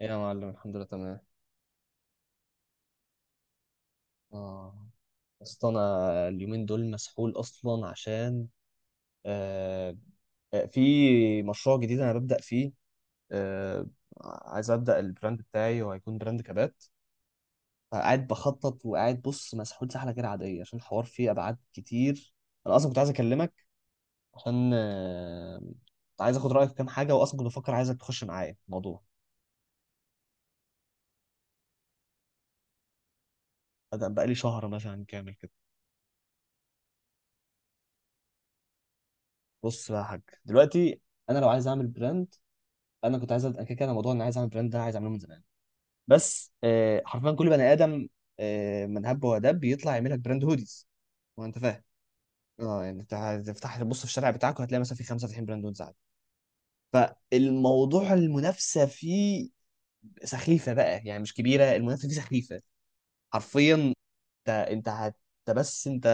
ايه يا معلم، الحمد لله تمام. اه، اصل انا اليومين دول مسحول اصلا عشان آه في مشروع جديد انا ببدأ فيه. آه عايز ابدأ البراند بتاعي وهيكون براند كبات. فقاعد بخطط وقاعد بص، مسحول سحلة غير عادية عشان الحوار فيه ابعاد كتير. انا اصلا كنت عايز اكلمك عشان عايز اخد رأيك في كام حاجة، واصلا كنت بفكر عايزك تخش معايا في الموضوع. بدأ بقالي شهر مثلا كامل كده. بص بقى يا حاج دلوقتي، انا لو عايز اعمل براند، انا كنت عايز أبدأ- انا كده كده أنا موضوع ان عايز اعمل براند ده عايز اعمله من زمان. بس حرفيا كل بني ادم، من هب ودب بيطلع يعمل لك براند هوديز، وانت فاهم. اه يعني انت هتفتح تبص في الشارع بتاعك وهتلاقي مثلا في خمسه فاتحين براند هوديز عادي. فالموضوع المنافسه فيه سخيفه بقى، يعني مش كبيره المنافسه فيه، سخيفه حرفيا. انت انت هت انت بس انت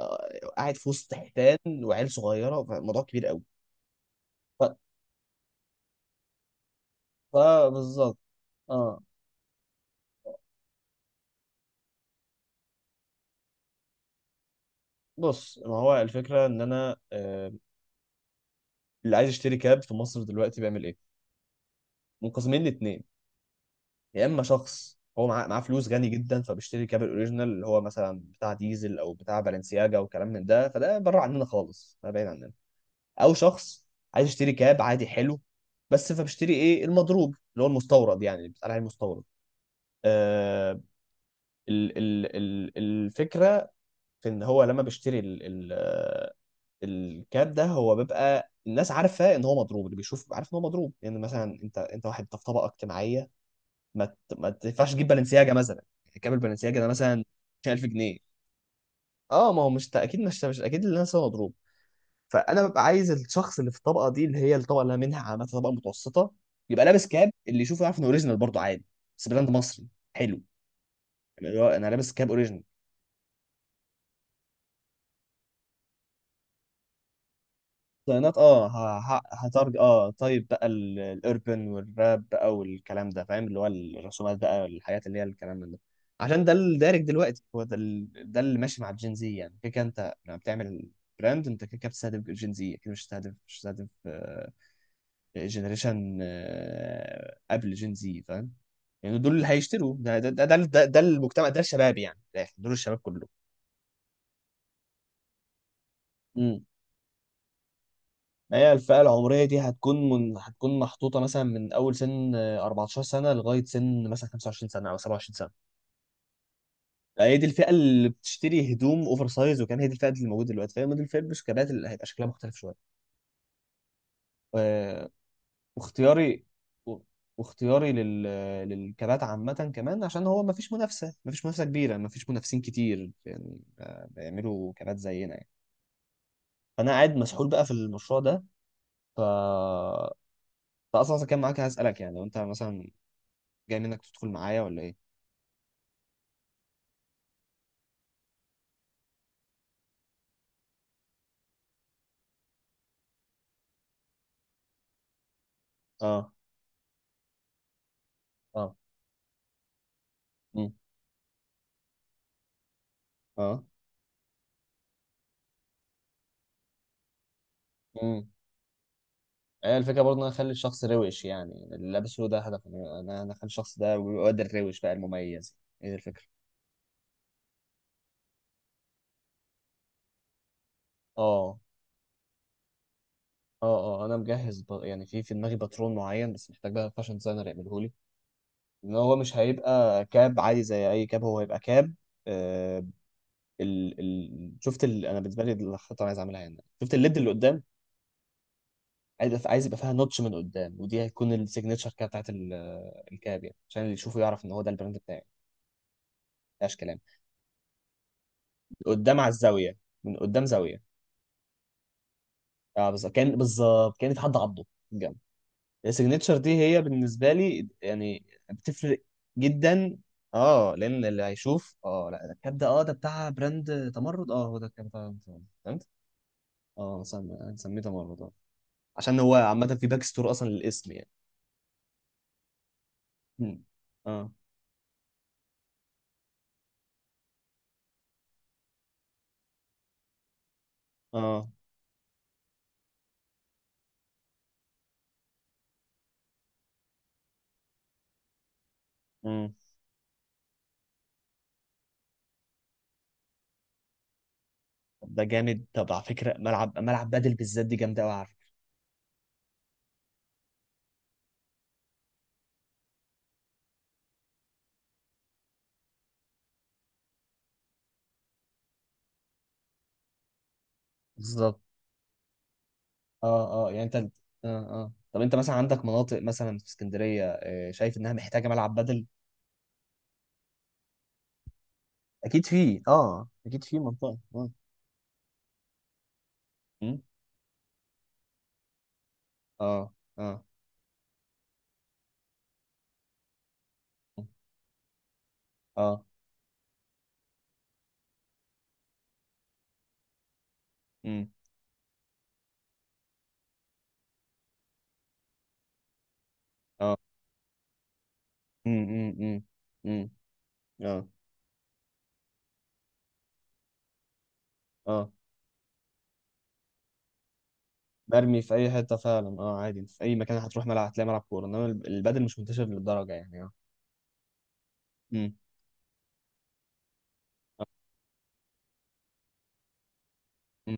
قاعد في وسط حيتان وعيال صغيره، فالموضوع كبير قوي. ف... فبالظبط. اه بص، ما هو الفكره ان انا، اللي عايز يشتري كاب في مصر دلوقتي بيعمل ايه؟ منقسمين لاتنين. يا اما شخص هو معاه فلوس غني جدا فبيشتري كاب الاوريجينال اللي هو مثلا بتاع ديزل او بتاع بالنسياجا وكلام من ده، فده بره عننا خالص، ده بعيد عننا. او شخص عايز يشتري كاب عادي حلو بس، فبيشتري ايه، المضروب اللي هو المستورد، يعني اللي بيتقال عليه المستورد. آه ال ال ال الفكره في ان هو لما بيشتري الكات ده هو بيبقى الناس عارفه ان هو مضروب، اللي بيشوف عارف ان هو مضروب. لان يعني مثلا، انت واحد انت في طبقه اجتماعيه، ما تنفعش تجيب بالنسياجه مثلا، يعني كامل بالنسياجه ده مثلا 20000 جنيه. اه ما هو مش اكيد، مش اكيد اللي الناس هو مضروب. فانا ببقى عايز الشخص اللي في الطبقه دي، اللي هي الطبقه اللي أنا منها، عامه طبقه متوسطه، يبقى لابس كاب اللي يشوفه يعرف انه اوريجينال برضه عادي، بس براند مصري حلو. يعني اللي هو انا لابس كاب اوريجينال. الصيانات اه هترج. اه طيب بقى الاربن والراب بقى والكلام ده فاهم، اللي هو الرسومات بقى، الحاجات اللي هي الكلام من ده، عشان ده الدارج دلوقتي، هو ده ده اللي ماشي مع الجين زي. يعني كده كده انت لما بتعمل براند انت كده كده بتستهدف جين زي، اكيد مش هتستهدف جنريشن قبل جين زي فاهم. يعني دول اللي هيشتروا ده المجتمع ده الشباب يعني، من الآخر، دول الشباب كله. ما هي الفئة العمرية دي هتكون من، محطوطة مثلا من أول سن، 14 سنة لغاية سن مثلا 25 سنة أو 27 سنة. هي دي الفئة اللي بتشتري هدوم أوفر سايز وكان هي دي الفئة اللي موجودة دلوقتي، فهي دي الفئة بس كبات اللي هيبقى شكلها مختلف شوية. آه، واختياري و- واختياري لل... للكبات عامة كمان، عشان هو مفيش منافسة، مفيش منافسة كبيرة، مفيش منافسين كتير يعني بيعملوا كبات زينا يعني. فأنا قاعد مسحول بقى في المشروع ده. ف فأصلا أصلاً كان معاك هسألك يعني، لو أنت مثلا جاي منك تدخل معايا ولا ايه. اه اه. مم. اه. امم. هي الفكره برضه إن انا اخلي الشخص روش يعني اللي لابسه ده هدف، انا اخلي الشخص ده الواد الروش بقى المميز. ايه ده الفكره. اه اه اه انا مجهز يعني في دماغي باترون معين، بس محتاج بقى فاشن ديزاينر يعمله لي، ان هو مش هيبقى كاب عادي زي اي كاب، هو هيبقى كاب. آه شفت انا بالنسبه لي دي الخطه اللي عايز اعملها هنا، شفت الليد اللي قدام، عايز يبقى فيها نوتش من قدام، ودي هتكون السيجنتشر كده بتاعت الكاب يعني، عشان اللي يشوفه يعرف ان هو ده البراند بتاعي. مفيهاش كلام، من قدام على الزاويه، من قدام زاويه. اه بالظبط، كان في حد عضه جنب. السيجنتشر دي هي بالنسبه لي يعني بتفرق جدا. اه لان اللي هيشوف، اه لا ده الكاب ده، اه ده بتاع براند تمرد، اه هو ده الكاب بتاع براند تمرد، فهمت. اه سميه تمرد اه. عشان هو عامه في باك ستور اصلا للاسم يعني. مم. اه اه. طب ده جامد، طب على فكره ملعب، ملعب بدل بالذات دي جامده قوي على فكره. بالظبط. اه اه يعني انت اه اه. طب انت مثلا عندك مناطق مثلا في اسكندريه، شايف انها محتاجه ملعب بدل؟ اكيد في، اه اكيد في منطقه اه. مم؟ اه اه اه. امم امم امم امم. اه اه. مرمي في اي حته فعلا، اه عادي انت في اي مكان هتروح ملعب هتلاقي ملعب كوره، انما البدل مش منتشر للدرجه يعني اه. امم. امم.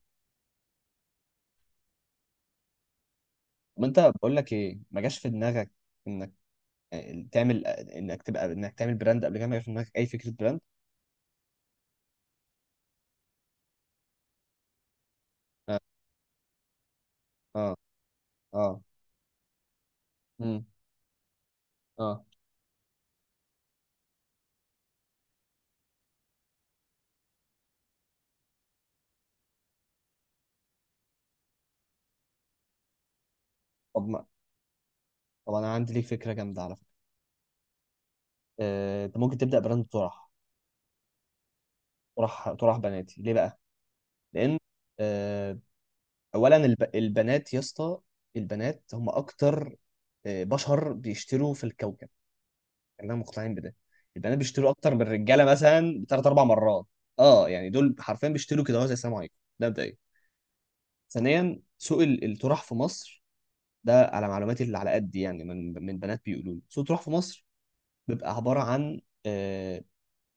طب انت بقول لك ايه، ما جاش في دماغك ان، تعمل انك تبقى انك تعمل براند قبل كده، ما يبقاش في دماغك اي فكره براند؟ اه اه اه. مم. اه. طب ما طب انا عندي ليك فكره جامده على فكره. انت ممكن تبدا براند طرح طرح بناتي ليه بقى؟ لان، آه، اولا البنات يا اسطى، البنات هم اكتر بشر بيشتروا في الكوكب. خلينا مقتنعين بده. البنات بيشتروا اكتر من الرجاله مثلا بثلاث اربع مرات. اه يعني دول حرفيا بيشتروا كده، هو زي السلام عليكم ده مبدئيا. ثانيا، سوق الطرح في مصر، ده على معلوماتي اللي على قد يعني، من بنات بيقولوا لي، سوق الطرح في مصر بيبقى عباره عن، آه،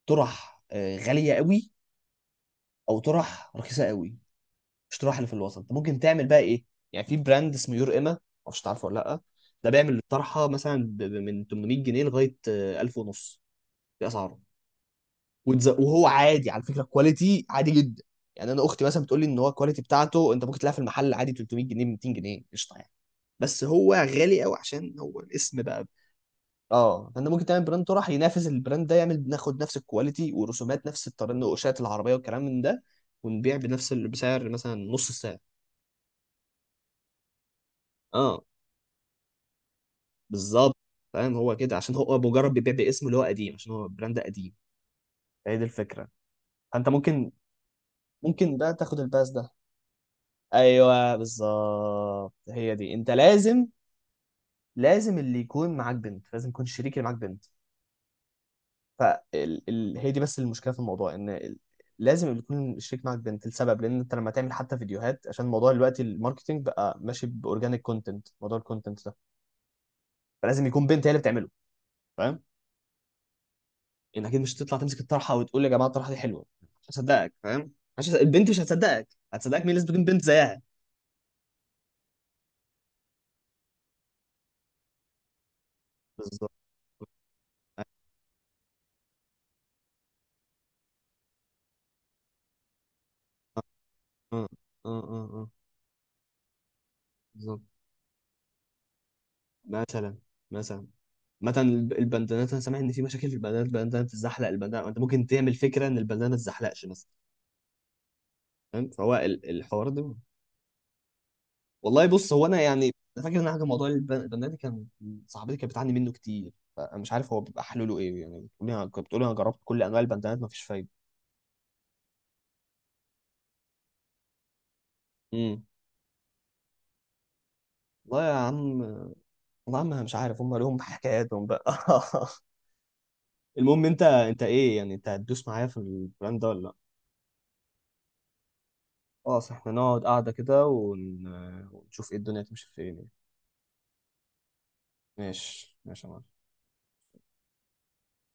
طرح غاليه قوي، او طرح رخيصه قوي، مش طرح اللي في الوسط. انت ممكن تعمل بقى ايه، يعني في براند اسمه يور اما، معرفش تعرفه ولا لا. ده بيعمل الطرحه مثلا من 800 جنيه لغايه، 1000 ونص، دي اسعاره. وهو عادي على فكره، كواليتي عادي جدا. يعني انا اختي مثلا بتقول لي ان هو الكواليتي بتاعته انت ممكن تلاقيها في المحل عادي 300 جنيه، 200 جنيه، قشطه يعني. بس هو غالي قوي عشان هو الاسم بقى. اه فانت ممكن تعمل براند طرح ينافس البراند ده، يعمل ناخد نفس الكواليتي ورسومات نفس التنقوشات العربيه والكلام من ده، ونبيع بنفس بسعر مثلا نص السعر. اه بالظبط. فاهم هو كده عشان هو مجرد بيبيع باسم اللي هو قديم، عشان هو براند قديم. هي دي الفكره. فانت ممكن، ممكن بقى تاخد الباس ده. ايوه بالظبط هي دي، انت لازم، لازم اللي يكون معاك بنت، لازم يكون الشريك اللي معاك بنت. فهي دي بس المشكله في الموضوع ان لازم يكون الشريك معاك بنت لسبب، لان انت لما تعمل حتى فيديوهات، عشان موضوع دلوقتي الماركتينج بقى ماشي باورجانيك كونتنت، موضوع الكونتنت ده فلازم يكون بنت هي اللي بتعمله، فاهم. انك اكيد مش هتطلع تمسك الطرحه وتقول يا جماعه الطرحه دي حلوه، مش هصدقك فاهم، مش هص- البنت مش هتصدقك، هتصدقك مين، لازم تكون بنت زيها. بالظبط. اه اه اه اه بالظبط. مثلا، مثلا، مثلا البندانات انا سامع ان في مشاكل في البندانات، البندانه بتتزحلق، البندانه انت ممكن تعمل فكره ان البندانه ما تتزحلقش مثلا. فاهم، فهو الحوار ده. والله بص هو انا يعني، أنا فاكر ان أنا حاجه موضوع البرنامج كان، صاحبتي كانت بتعاني منه كتير، فانا مش عارف هو بيبقى حلوله ايه يعني، بتقولي انا، كنت بتقولي انا جربت كل انواع البندانات مفيش فايده. امم. والله يا عم، والله يا عم أنا مش عارف، هم لهم حكاياتهم بقى المهم انت، انت ايه يعني انت هتدوس معايا في البراند ده ولا لا؟ خلاص احنا نقعد قاعده كده ونشوف ايه الدنيا هتمشي فين يعني. ماشي ماشي يا معلم.